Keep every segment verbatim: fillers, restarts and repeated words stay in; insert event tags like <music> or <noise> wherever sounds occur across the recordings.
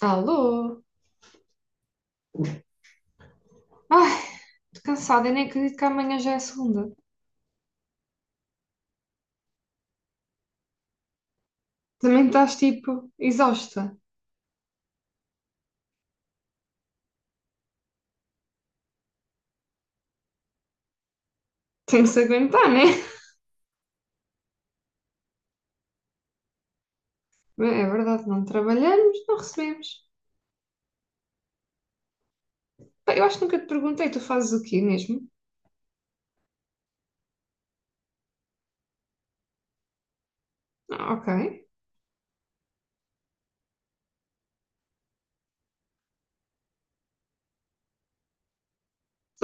Alô? Ai, tô cansada e nem acredito que amanhã já é segunda. Também estás tipo exausta. Tem que se aguentar, né? Bem, é verdade, não trabalhamos, não recebemos. Pá, eu acho que nunca te perguntei, tu fazes o quê mesmo? Ah, ok,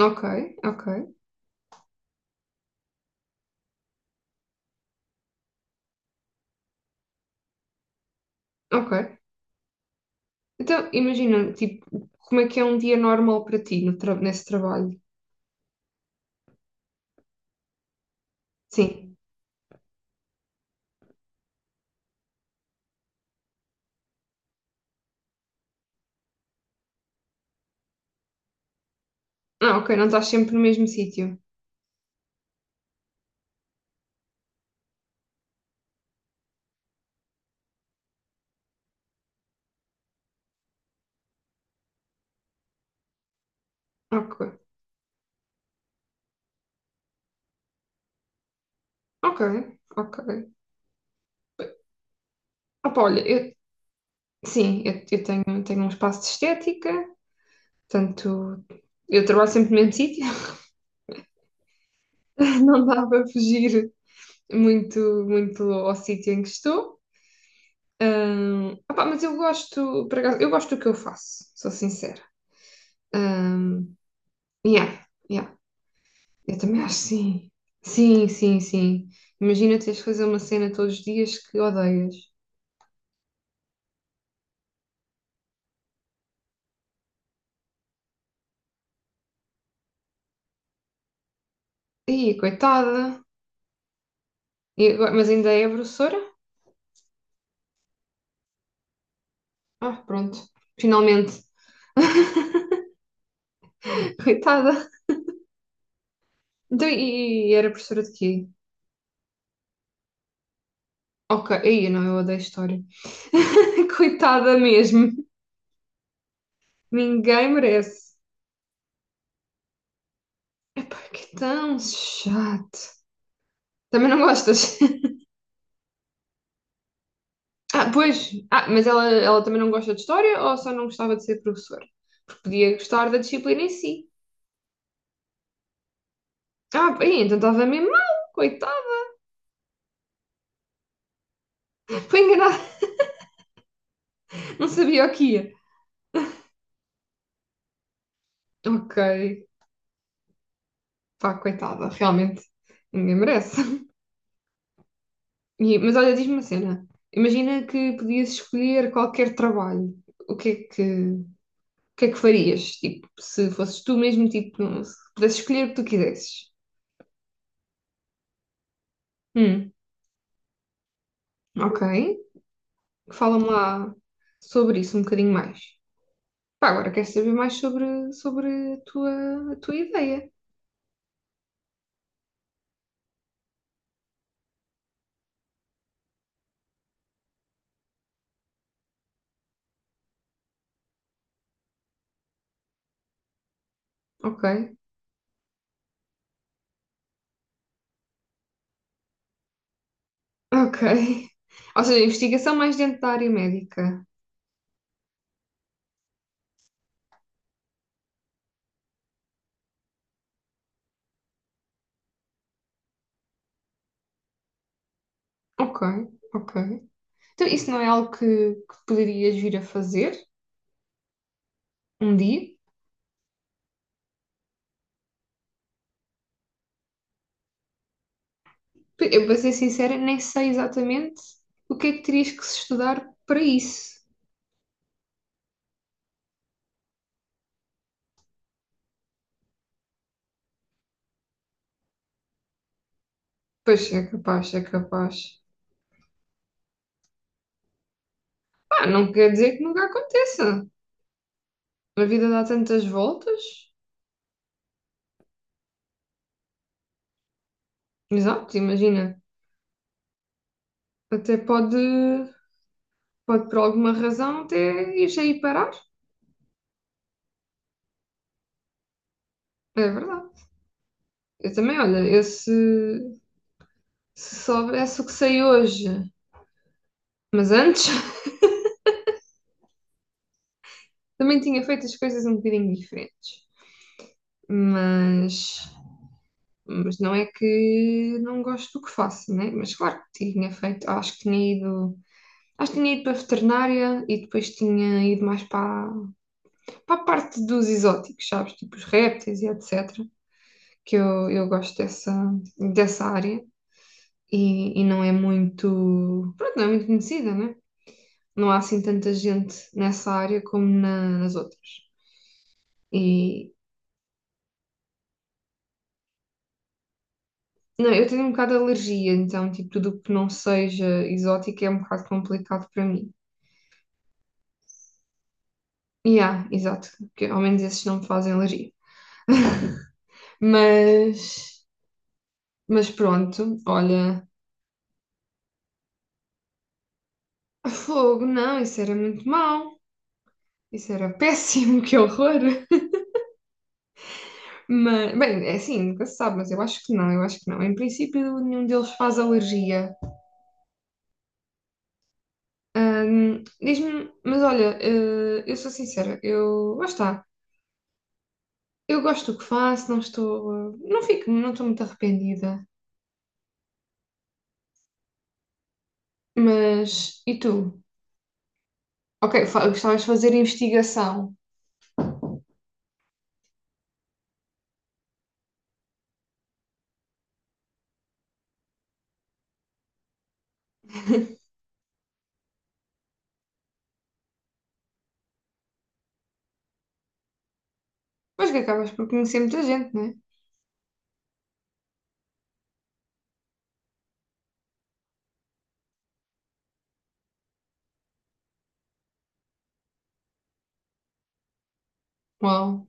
ok, ok, ok. Então, imagina, tipo, como é que é um dia normal para ti no tra- nesse trabalho? Sim. Ah, ok, não estás sempre no mesmo sítio. Ok, ok, ok. Ah, pá, olha, eu, sim, eu, eu tenho, tenho um espaço de estética. Portanto, eu trabalho sempre no mesmo sítio, <laughs> não dá para fugir muito, muito ao sítio em que estou. Ahm, opá, mas eu gosto, por acaso, eu gosto do que eu faço, sou sincera. Ahm, yeah, yeah, eu também acho. Sim. Sim, sim, sim. Imagina teres que fazer uma cena todos os dias que odeias. Ih, coitada. E agora, mas ainda é professora? Ah, pronto. Finalmente. <laughs> Coitada. Então, e era professora de quê? Ok, aí não, eu odeio a história. <laughs> Coitada mesmo. Ninguém merece. Epá, que tão chato. Também não gostas? <laughs> Ah, pois. Ah, mas ela, ela também não gosta de história ou só não gostava de ser professora? Porque podia gostar da disciplina em si. Ah, aí, então estava mesmo mal, coitada. Foi enganada, não sabia o que ia. Ok, pá, coitada, realmente. Ninguém merece. E- mas olha, diz-me uma cena. Imagina que podias escolher qualquer trabalho. O que é que. O que é que farias? Tipo, se fosses tu mesmo, tipo, num- se pudesses escolher o que tu quisesses. Hum, ok. Fala-me lá sobre isso um bocadinho mais. Pá, agora quero saber mais sobre, sobre a tua, a tua ideia. Ok, ok. <laughs> Ou seja, investigação mais dentro da área médica. Ok, ok. Então, isso não é algo que, que poderias vir a fazer um dia? Eu, para ser sincera, nem sei exatamente o que é que terias que se estudar para isso. Pois é capaz, é capaz. Ah, não quer dizer que nunca aconteça. A vida dá tantas voltas. Exato, imagina. Até pode, pode por alguma razão até ir aí parar. É verdade. Eu também, olha, eu se, se soubesse o que sei hoje, mas antes <laughs> também tinha feito as coisas um bocadinho diferentes. Mas, mas não é que não gosto do que faço, né? Mas claro que tinha feito, acho que tinha ido, acho que tinha ido para a veterinária e depois tinha ido mais para para a parte dos exóticos, sabes? Tipo os répteis e etcétera. Que eu, eu gosto dessa, dessa área e, e não é muito. Pronto, não é muito conhecida, né? Não há assim tanta gente nessa área como na- nas outras. E. Não, eu tenho um bocado de alergia, então, tipo, tudo o que não seja exótico é um bocado complicado para mim. E há, exato, porque ao menos esses não me fazem alergia. Mas, mas pronto, olha, fogo, não, isso era muito mau. Isso era <laughs> péssimo, que horror! Mas, bem, é assim, nunca se sabe, mas eu acho que não, eu acho que não. Em princípio, nenhum deles faz alergia. Ahm, diz-me, mas olha, eh, eu sou sincera, eu, lá está, eu gosto do que faço, não estou, não fico, não estou muito arrependida. Mas, e tu? Ok, fa- gostavas de fazer investigação. <laughs> Mas que acabas por conhecer muita gente, né? Uau,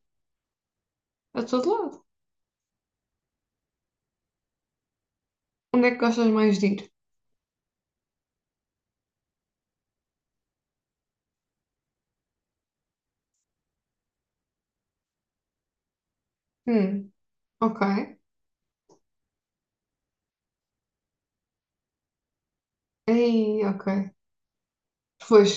a todo lado. Onde é que gostas mais de ir? Hum, ok. Aí, ok. Pois,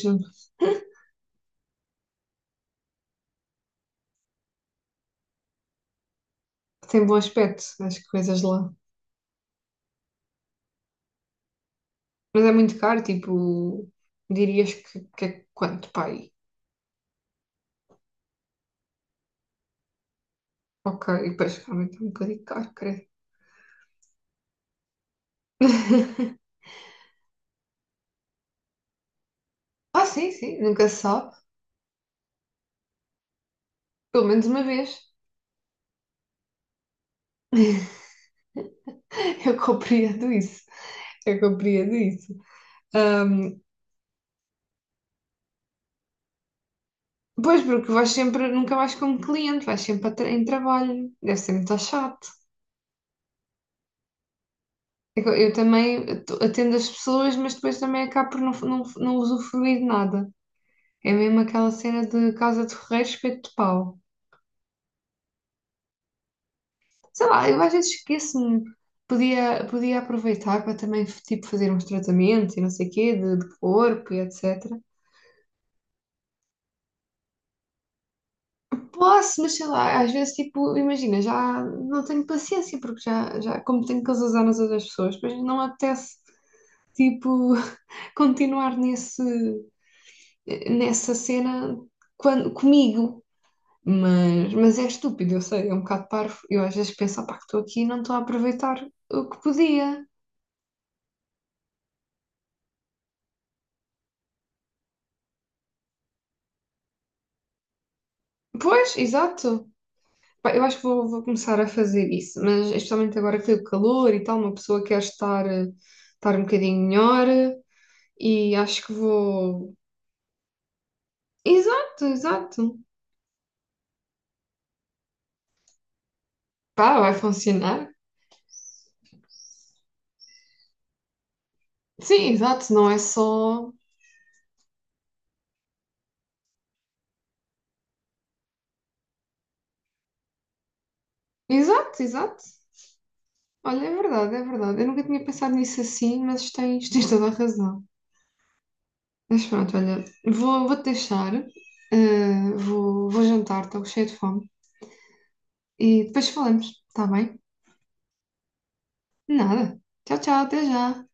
tem bom aspecto as coisas lá. Mas é muito caro, tipo, dirias que, que é quanto, pai? Ok, e depois realmente é um bocadinho caro, creio. <laughs> Ah, sim, sim, nunca se sabe. Pelo menos uma vez. <laughs> Eu compreendo isso. Eu compreendo isso. Ahm, Pois, porque vais sempre, nunca vais como cliente, vais sempre a tra- em trabalho. Deve ser muito chato. É que eu eu também at- atendo as pessoas, mas depois também acabo por não, f- não, f- não usufruir de nada. É mesmo aquela cena de casa de ferreiro, espeto de pau. Sei lá, eu às vezes esqueço-me. Podia, podia aproveitar para também, tipo, fazer uns tratamentos e não sei o quê, de, de corpo e etcétera. Posso, mas sei lá, às vezes, tipo, imagina, já não tenho paciência, porque já, já como tenho que usar nas outras pessoas, depois não me apetece, tipo, <laughs> continuar nesse, nessa cena quando, comigo. Mas, mas é estúpido, eu sei, é um bocado parvo. Eu às vezes penso, opá, que estou aqui e não estou a aproveitar o que podia. Pois, exato. Pá, eu acho que vou, vou começar a fazer isso, mas especialmente agora que tem o calor e tal, uma pessoa quer estar, eh, estar um bocadinho melhor eh, e acho que vou. Exato, exato. Pá, vai funcionar. Sim, exato, não é só. Exato, exato. Olha, é verdade, é verdade. Eu nunca tinha pensado nisso assim, mas tens, tens toda a razão. Mas pronto, olha, vou, vou-te deixar, eh, vou, vou jantar, estou cheia de fome. E depois falamos, está bem? Nada. Tchau, tchau, até já.